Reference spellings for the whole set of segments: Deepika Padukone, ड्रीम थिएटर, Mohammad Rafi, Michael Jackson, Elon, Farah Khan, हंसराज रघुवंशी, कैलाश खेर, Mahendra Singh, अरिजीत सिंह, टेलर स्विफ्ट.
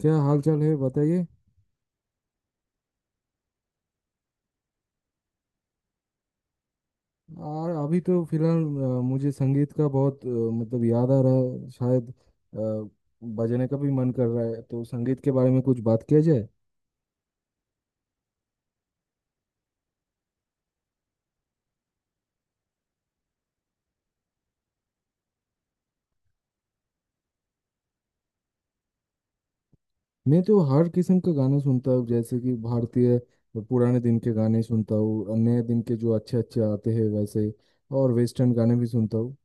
क्या हाल चाल है बताइए। और अभी तो फिलहाल मुझे संगीत का बहुत मतलब याद आ रहा है शायद। अ, बजाने का भी मन कर रहा है, तो संगीत के बारे में कुछ बात किया जाए। मैं तो हर किस्म का गाना सुनता हूँ, जैसे कि भारतीय पुराने दिन के गाने सुनता हूँ, नए दिन के जो अच्छे अच्छे आते हैं वैसे, और वेस्टर्न गाने भी सुनता हूँ।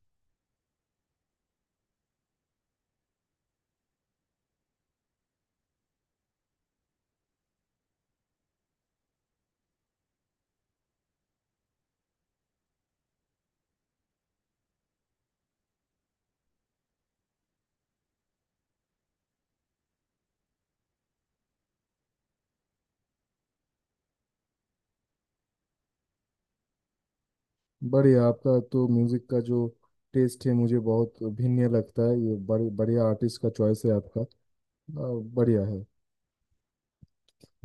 बढ़िया, आपका तो म्यूजिक का जो टेस्ट है मुझे बहुत भिन्न लगता है। ये बड़े बढ़िया आर्टिस्ट का चॉइस है आपका। बढ़िया है।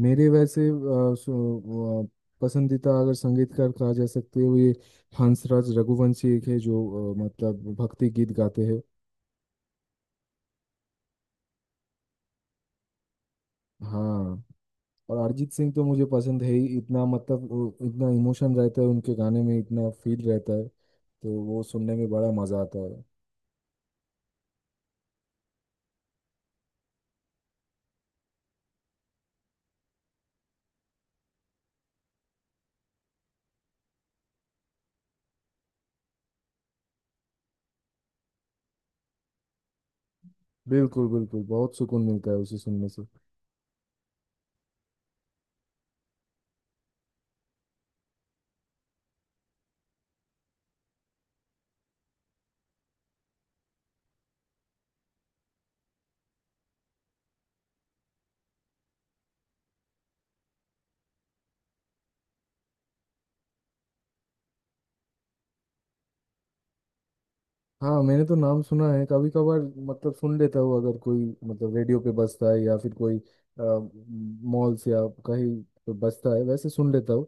मेरे वैसे पसंदीदा अगर संगीतकार कहा जा सकते हैं वो ये हंसराज रघुवंशी एक है, जो मतलब भक्ति गीत गाते हैं। हाँ। और अरिजीत सिंह तो मुझे पसंद है ही इतना, मतलब वो इतना इमोशन रहता है उनके गाने में, इतना फील रहता है, तो वो सुनने में बड़ा मजा आता है। बिल्कुल, बिल्कुल, बहुत सुकून मिलता है उसे सुनने से। हाँ, मैंने तो नाम सुना है कभी कभार, मतलब सुन लेता हूँ अगर कोई मतलब रेडियो पे बजता है या फिर कोई मॉल से या कहीं पे बजता है, वैसे सुन लेता हूँ।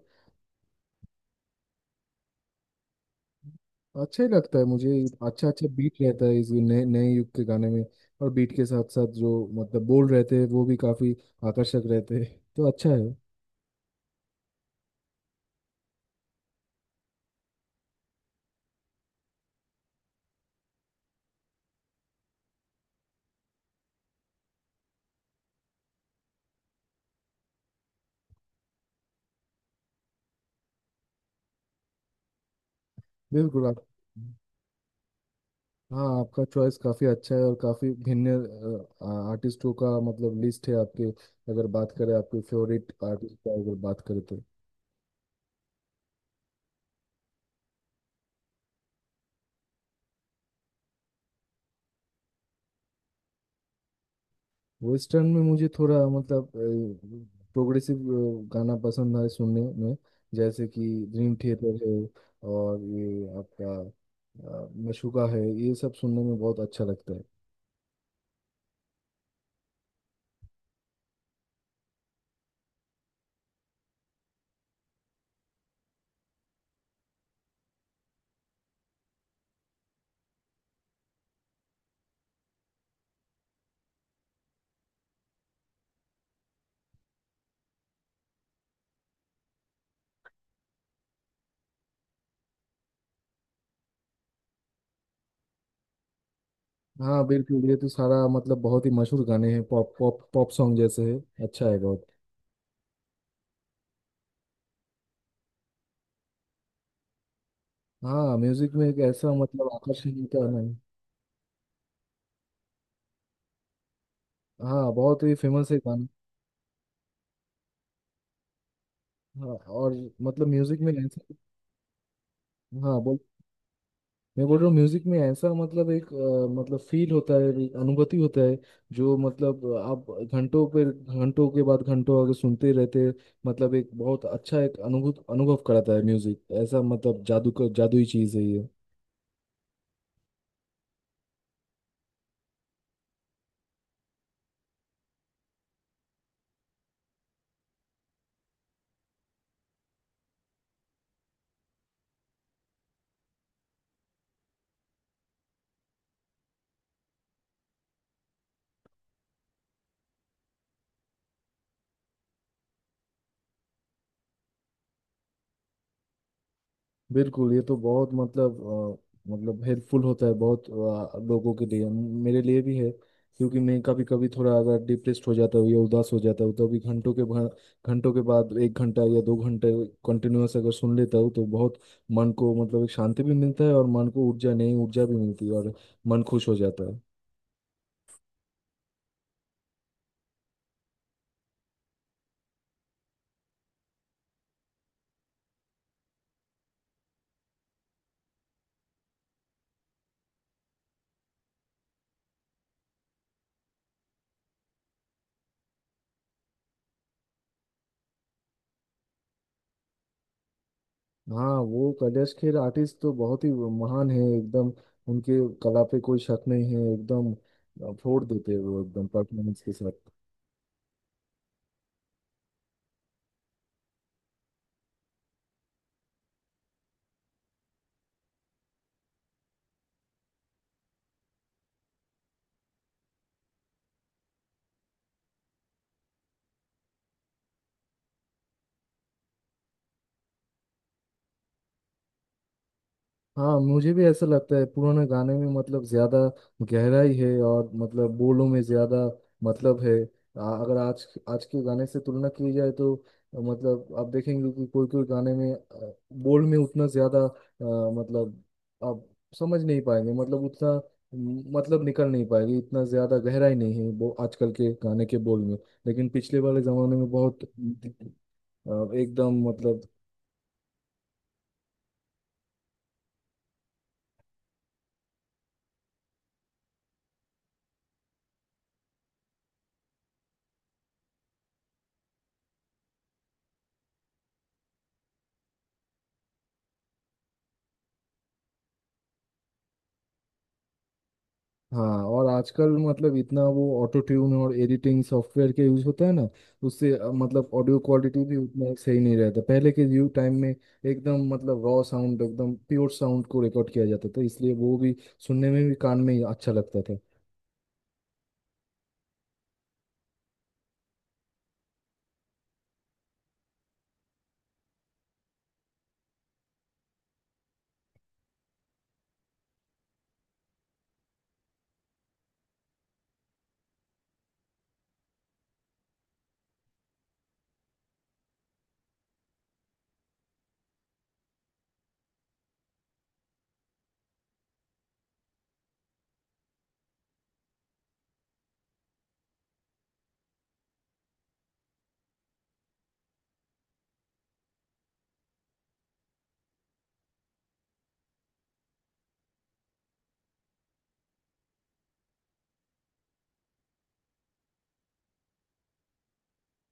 अच्छा ही लगता है मुझे। अच्छा अच्छा बीट रहता है इस नए नए युग के गाने में। और बीट के साथ साथ जो मतलब बोल रहते हैं वो भी काफी आकर्षक रहते हैं, तो अच्छा है। बिल्कुल। आप। हाँ, आपका चॉइस काफ़ी अच्छा है और काफ़ी भिन्न आर्टिस्टों का मतलब लिस्ट है आपके। अगर बात करें आपके फेवरेट आर्टिस्ट का, अगर बात करें तो। वेस्टर्न में मुझे थोड़ा मतलब प्रोग्रेसिव गाना पसंद है सुनने में, जैसे कि ड्रीम थिएटर है और ये आपका मशूका है। ये सब सुनने में बहुत अच्छा लगता है। हाँ बिल्कुल, ये तो सारा मतलब बहुत ही मशहूर गाने हैं, पॉप पॉप पॉप सॉन्ग जैसे है। अच्छा है बहुत। हाँ, म्यूजिक में एक ऐसा मतलब आकर्षण होता है ना। हाँ बहुत ही फेमस है गाना। हाँ, और मतलब म्यूजिक में ऐसा। हाँ, बोल। मैं बोल रहा हूँ, म्यूजिक में ऐसा मतलब एक मतलब फील होता है, एक अनुभूति होता है, जो मतलब आप घंटों पर घंटों के बाद घंटों आगे सुनते रहते, मतलब एक बहुत अच्छा एक अनुभूत अनुभव कराता है म्यूजिक, ऐसा मतलब जादू का जादुई चीज है ये। बिल्कुल, ये तो बहुत मतलब मतलब हेल्पफुल होता है बहुत लोगों के लिए, मेरे लिए भी है। क्योंकि मैं कभी कभी थोड़ा अगर डिप्रेस्ड हो जाता हूँ या उदास हो जाता हूँ, तो अभी घंटों के बाद एक घंटा या दो घंटे कंटिन्यूअस अगर सुन लेता हूँ तो बहुत मन को मतलब एक शांति भी मिलता है, और मन को ऊर्जा, नई ऊर्जा भी मिलती है, और मन खुश हो जाता है। हाँ वो कैलाश खेर आर्टिस्ट तो बहुत ही महान है एकदम। उनके कला पे कोई शक नहीं है एकदम। फोड़ देते हैं वो एकदम परफॉर्मेंस के साथ। हाँ, मुझे भी ऐसा लगता है, पुराने गाने में मतलब ज्यादा गहराई है, और मतलब बोलों में ज्यादा मतलब है। अगर आज आज के गाने से तुलना की जाए तो मतलब आप देखेंगे कि कोई कोई गाने में बोल में उतना ज्यादा मतलब आप समझ नहीं पाएंगे मतलब उतना मतलब निकल नहीं पाएगी, इतना ज्यादा गहराई नहीं है वो आजकल के गाने के बोल में। लेकिन पिछले वाले जमाने में बहुत एकदम मतलब। हाँ और आजकल मतलब इतना वो ऑटो ट्यून और एडिटिंग सॉफ्टवेयर के यूज होता है ना, उससे मतलब ऑडियो क्वालिटी भी उतना सही नहीं रहता। पहले के व्यू टाइम में एकदम मतलब रॉ साउंड, एकदम प्योर साउंड को रिकॉर्ड किया जाता था, इसलिए वो भी सुनने में भी कान में ही अच्छा लगता था।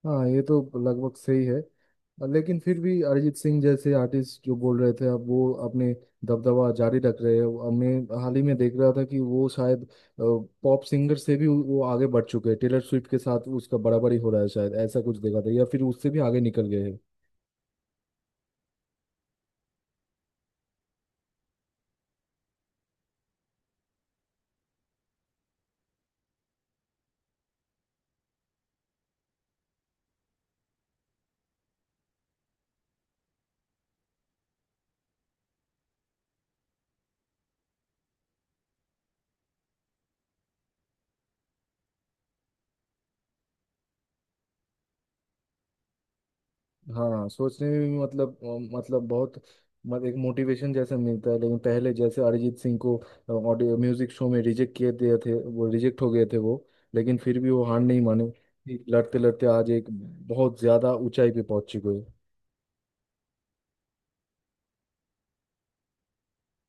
हाँ ये तो लगभग सही है, लेकिन फिर भी अरिजीत सिंह जैसे आर्टिस्ट जो बोल रहे थे, अब वो अपने दबदबा जारी रख रहे हैं। अब मैं हाल ही में देख रहा था कि वो शायद पॉप सिंगर से भी वो आगे बढ़ चुके हैं, टेलर स्विफ्ट के साथ उसका बराबरी हो रहा है शायद, ऐसा कुछ देखा था, या फिर उससे भी आगे निकल गए हैं। हाँ सोचने में भी मतलब मतलब बहुत मत एक मोटिवेशन जैसा मिलता है। लेकिन पहले जैसे अरिजीत सिंह को ऑडियो म्यूजिक शो में रिजेक्ट किए दिए थे, वो रिजेक्ट हो गए थे वो, लेकिन फिर भी वो हार नहीं माने जी। लड़ते लड़ते आज एक बहुत ज्यादा ऊंचाई पे पहुंच चुके हैं।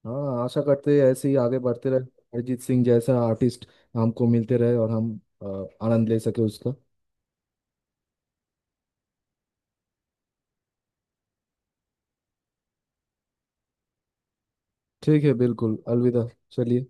हाँ आशा करते हैं ऐसे ही आगे बढ़ते रहे, अरिजीत सिंह जैसा आर्टिस्ट हमको मिलते रहे और हम अ, आनंद ले सके उसका। ठीक है, बिल्कुल, अलविदा। चलिए।